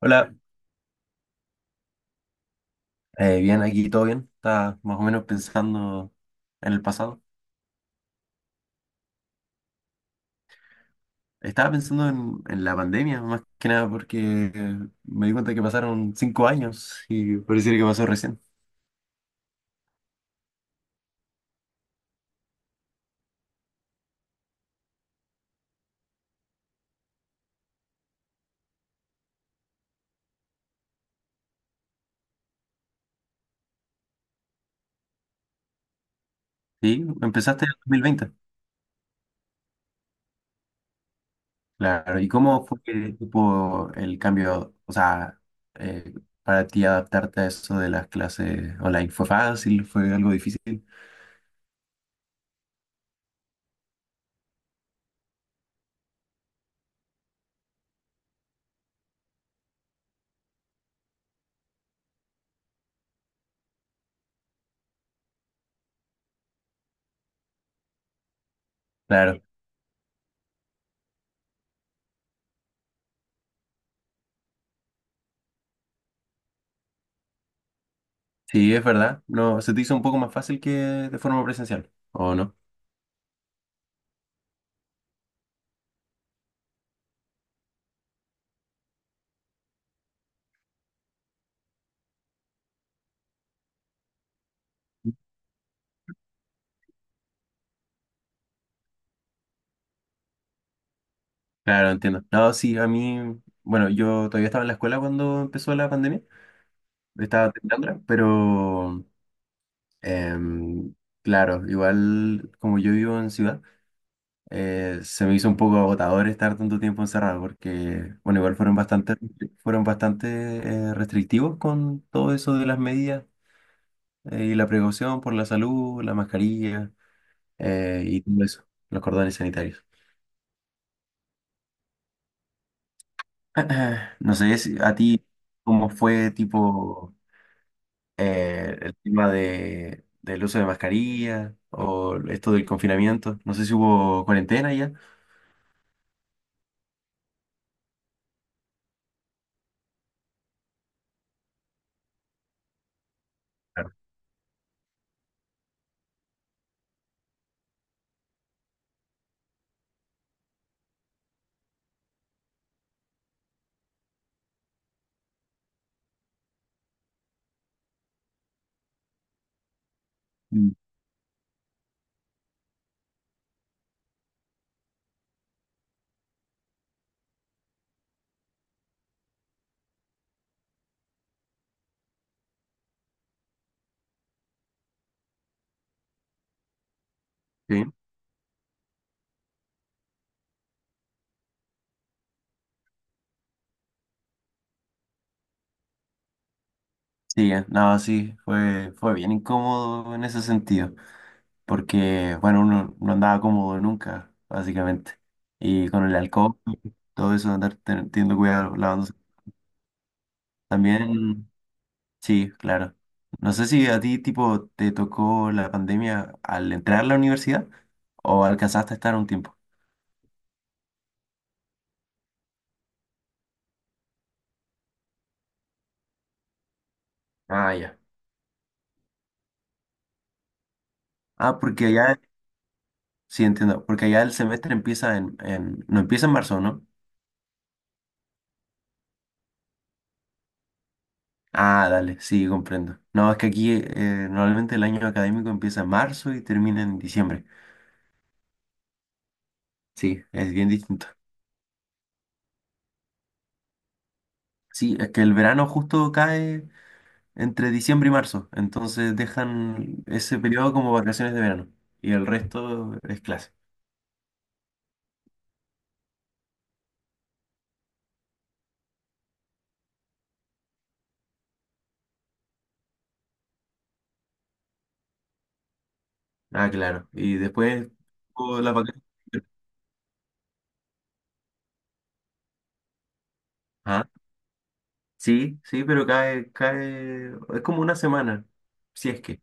Hola, bien, aquí todo bien. Estaba más o menos pensando en el pasado. Estaba pensando en la pandemia, más que nada porque me di cuenta que pasaron 5 años y pareciera que pasó recién. Sí, empezaste en 2020. Claro, ¿y cómo fue que tipo, el cambio, o sea, eh, para ti adaptarte a eso de las clases online? ¿Fue fácil? ¿Fue algo difícil? Claro, sí, es verdad. No, ¿se te hizo un poco más fácil que de forma presencial, o no? Claro, entiendo. No, sí, a mí, bueno, yo todavía estaba en la escuela cuando empezó la pandemia, estaba terminándola, pero em, claro, igual como yo vivo en ciudad, se me hizo un poco agotador estar tanto tiempo encerrado, porque, bueno, fueron bastante restrictivos con todo eso de las medidas y la precaución por la salud, la mascarilla y todo eso, los cordones sanitarios. No sé si a ti, ¿cómo fue tipo, el tema del uso de mascarilla o esto del confinamiento. No sé si hubo cuarentena ya. Claro. Mm. Sí, sí, no, sí, fue, fue bien incómodo en ese sentido, porque, bueno, uno no andaba cómodo nunca, básicamente. Y con el alcohol, todo eso, andar teniendo cuidado, lavándose. También, sí, claro. No sé si a ti, tipo, te tocó la pandemia al entrar a la universidad o alcanzaste a estar un tiempo. Ah, ya. Ah, porque allá, sí entiendo, porque allá el semestre empieza no empieza en marzo, ¿no? Ah, dale, sí, comprendo. No, es que aquí normalmente el año académico empieza en marzo y termina en diciembre. Sí, es bien distinto. Sí, es que el verano justo cae entre diciembre y marzo, entonces dejan ese periodo como vacaciones de verano y el resto es clase. Ah, claro. Y después oh, las vacaciones. Ah, sí, sí, pero cae, es como una semana, si es que.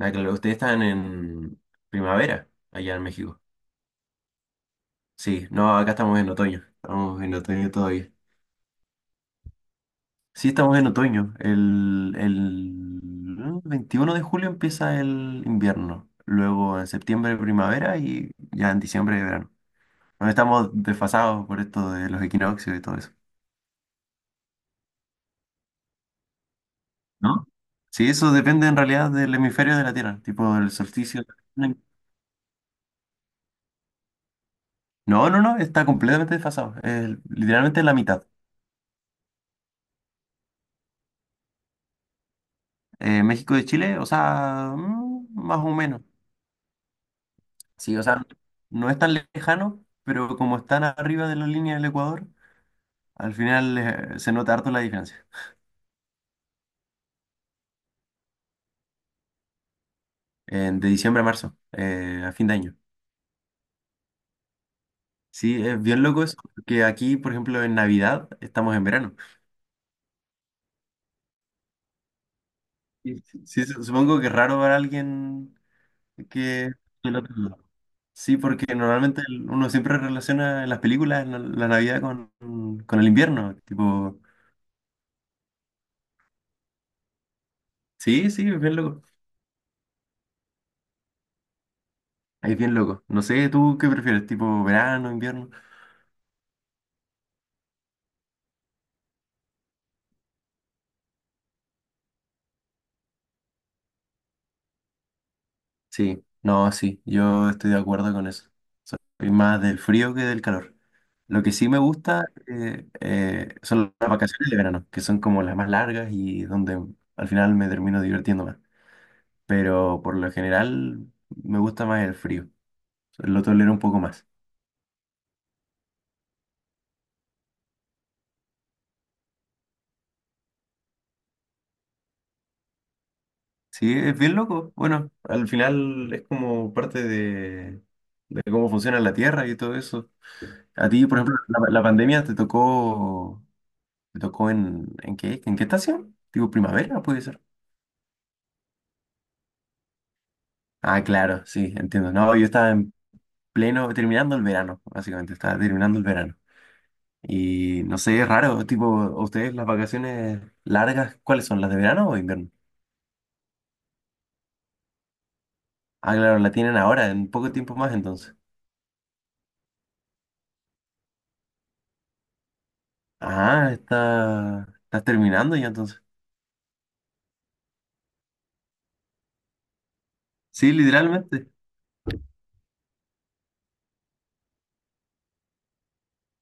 Ah, claro, ustedes están en primavera allá en México. Sí, no, acá estamos en otoño. Estamos en otoño todavía. Sí, estamos en otoño. El 21 de julio empieza el invierno. Luego en septiembre primavera y ya en diciembre verano. Bueno, estamos desfasados por esto de los equinoccios y todo eso. ¿No? Sí, eso depende en realidad del hemisferio de la Tierra, tipo del solsticio. No, no, no, está completamente desfasado. Es literalmente la mitad. México de Chile, o sea, mm, más o menos. Sí, o sea, no es tan lejano, pero como están arriba de la línea del Ecuador, al final se nota harto la diferencia. De diciembre a marzo, a fin de año. Sí, es bien loco eso, que aquí, por ejemplo, en Navidad estamos en verano. Y sí, supongo que es raro ver a alguien que... del otro lado. Sí, porque normalmente uno siempre relaciona en las películas la Navidad con el invierno. Tipo, sí, sí, es bien loco. Ahí es bien loco. No sé, ¿tú qué prefieres? ¿Tipo verano, invierno? Sí, no, sí, yo estoy de acuerdo con eso. Soy más del frío que del calor. Lo que sí me gusta son las vacaciones de verano, que son como las más largas y donde al final me termino divirtiendo más. Pero por lo general me gusta más el frío. Lo tolero un poco más. Sí, es bien loco. Bueno, al final es como parte de cómo funciona la Tierra y todo eso. A ti, por ejemplo, la pandemia te tocó. ¿Te tocó en qué? ¿En qué estación? Digo, primavera, puede ser. Ah, claro, sí, entiendo. No, yo estaba en pleno, terminando el verano, básicamente, estaba terminando el verano. Y no sé, es raro, tipo, ¿a ¿ustedes las vacaciones largas, cuáles son? ¿Las de verano o invierno? Ah, claro, la tienen ahora, en poco tiempo más entonces. Ah, está, estás terminando ya entonces. Sí, literalmente.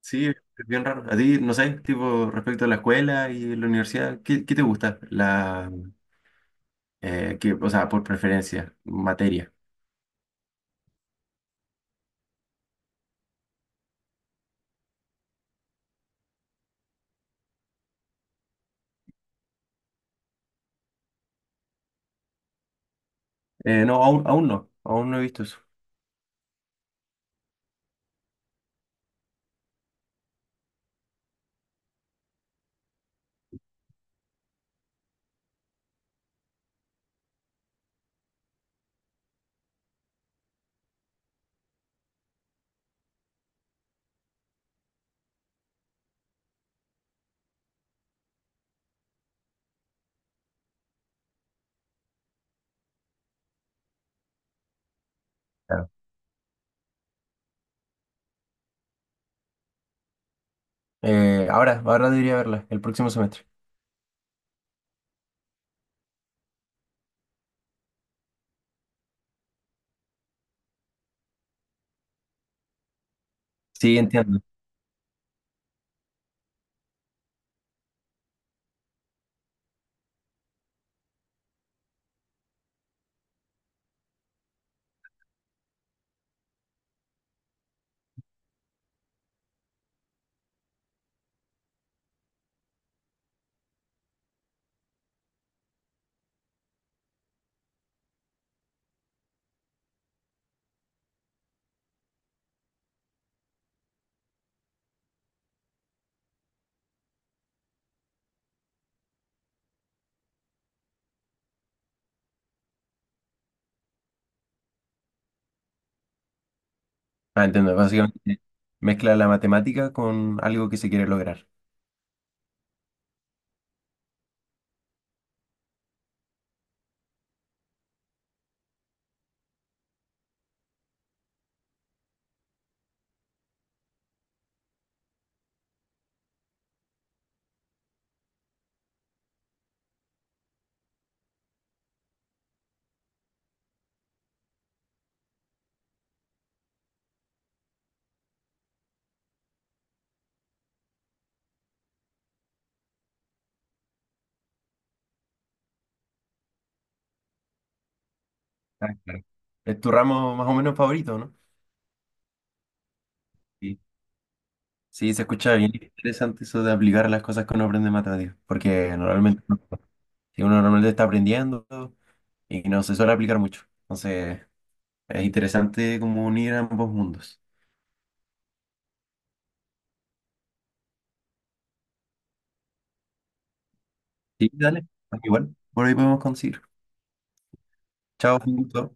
Sí, es bien raro. A ti, no sé, tipo, respecto a la escuela y la universidad, ¿qué, qué te gusta? La, que, o sea, por preferencia, materia. No, aún no he visto eso. Claro. Ahora debería verla, el próximo semestre. Sí, entiendo. Ah, entiendo. Básicamente mezcla la matemática con algo que se quiere lograr. Ah, claro. Es tu ramo más o menos favorito, ¿no? Sí. Sí, se escucha bien interesante eso de aplicar las cosas que uno aprende en matemáticas, porque normalmente no- si uno normalmente está aprendiendo y no se suele aplicar mucho. Entonces, es interesante como unir ambos mundos. Sí, dale. Igual, por ahí podemos conseguir. Chao, un gusto.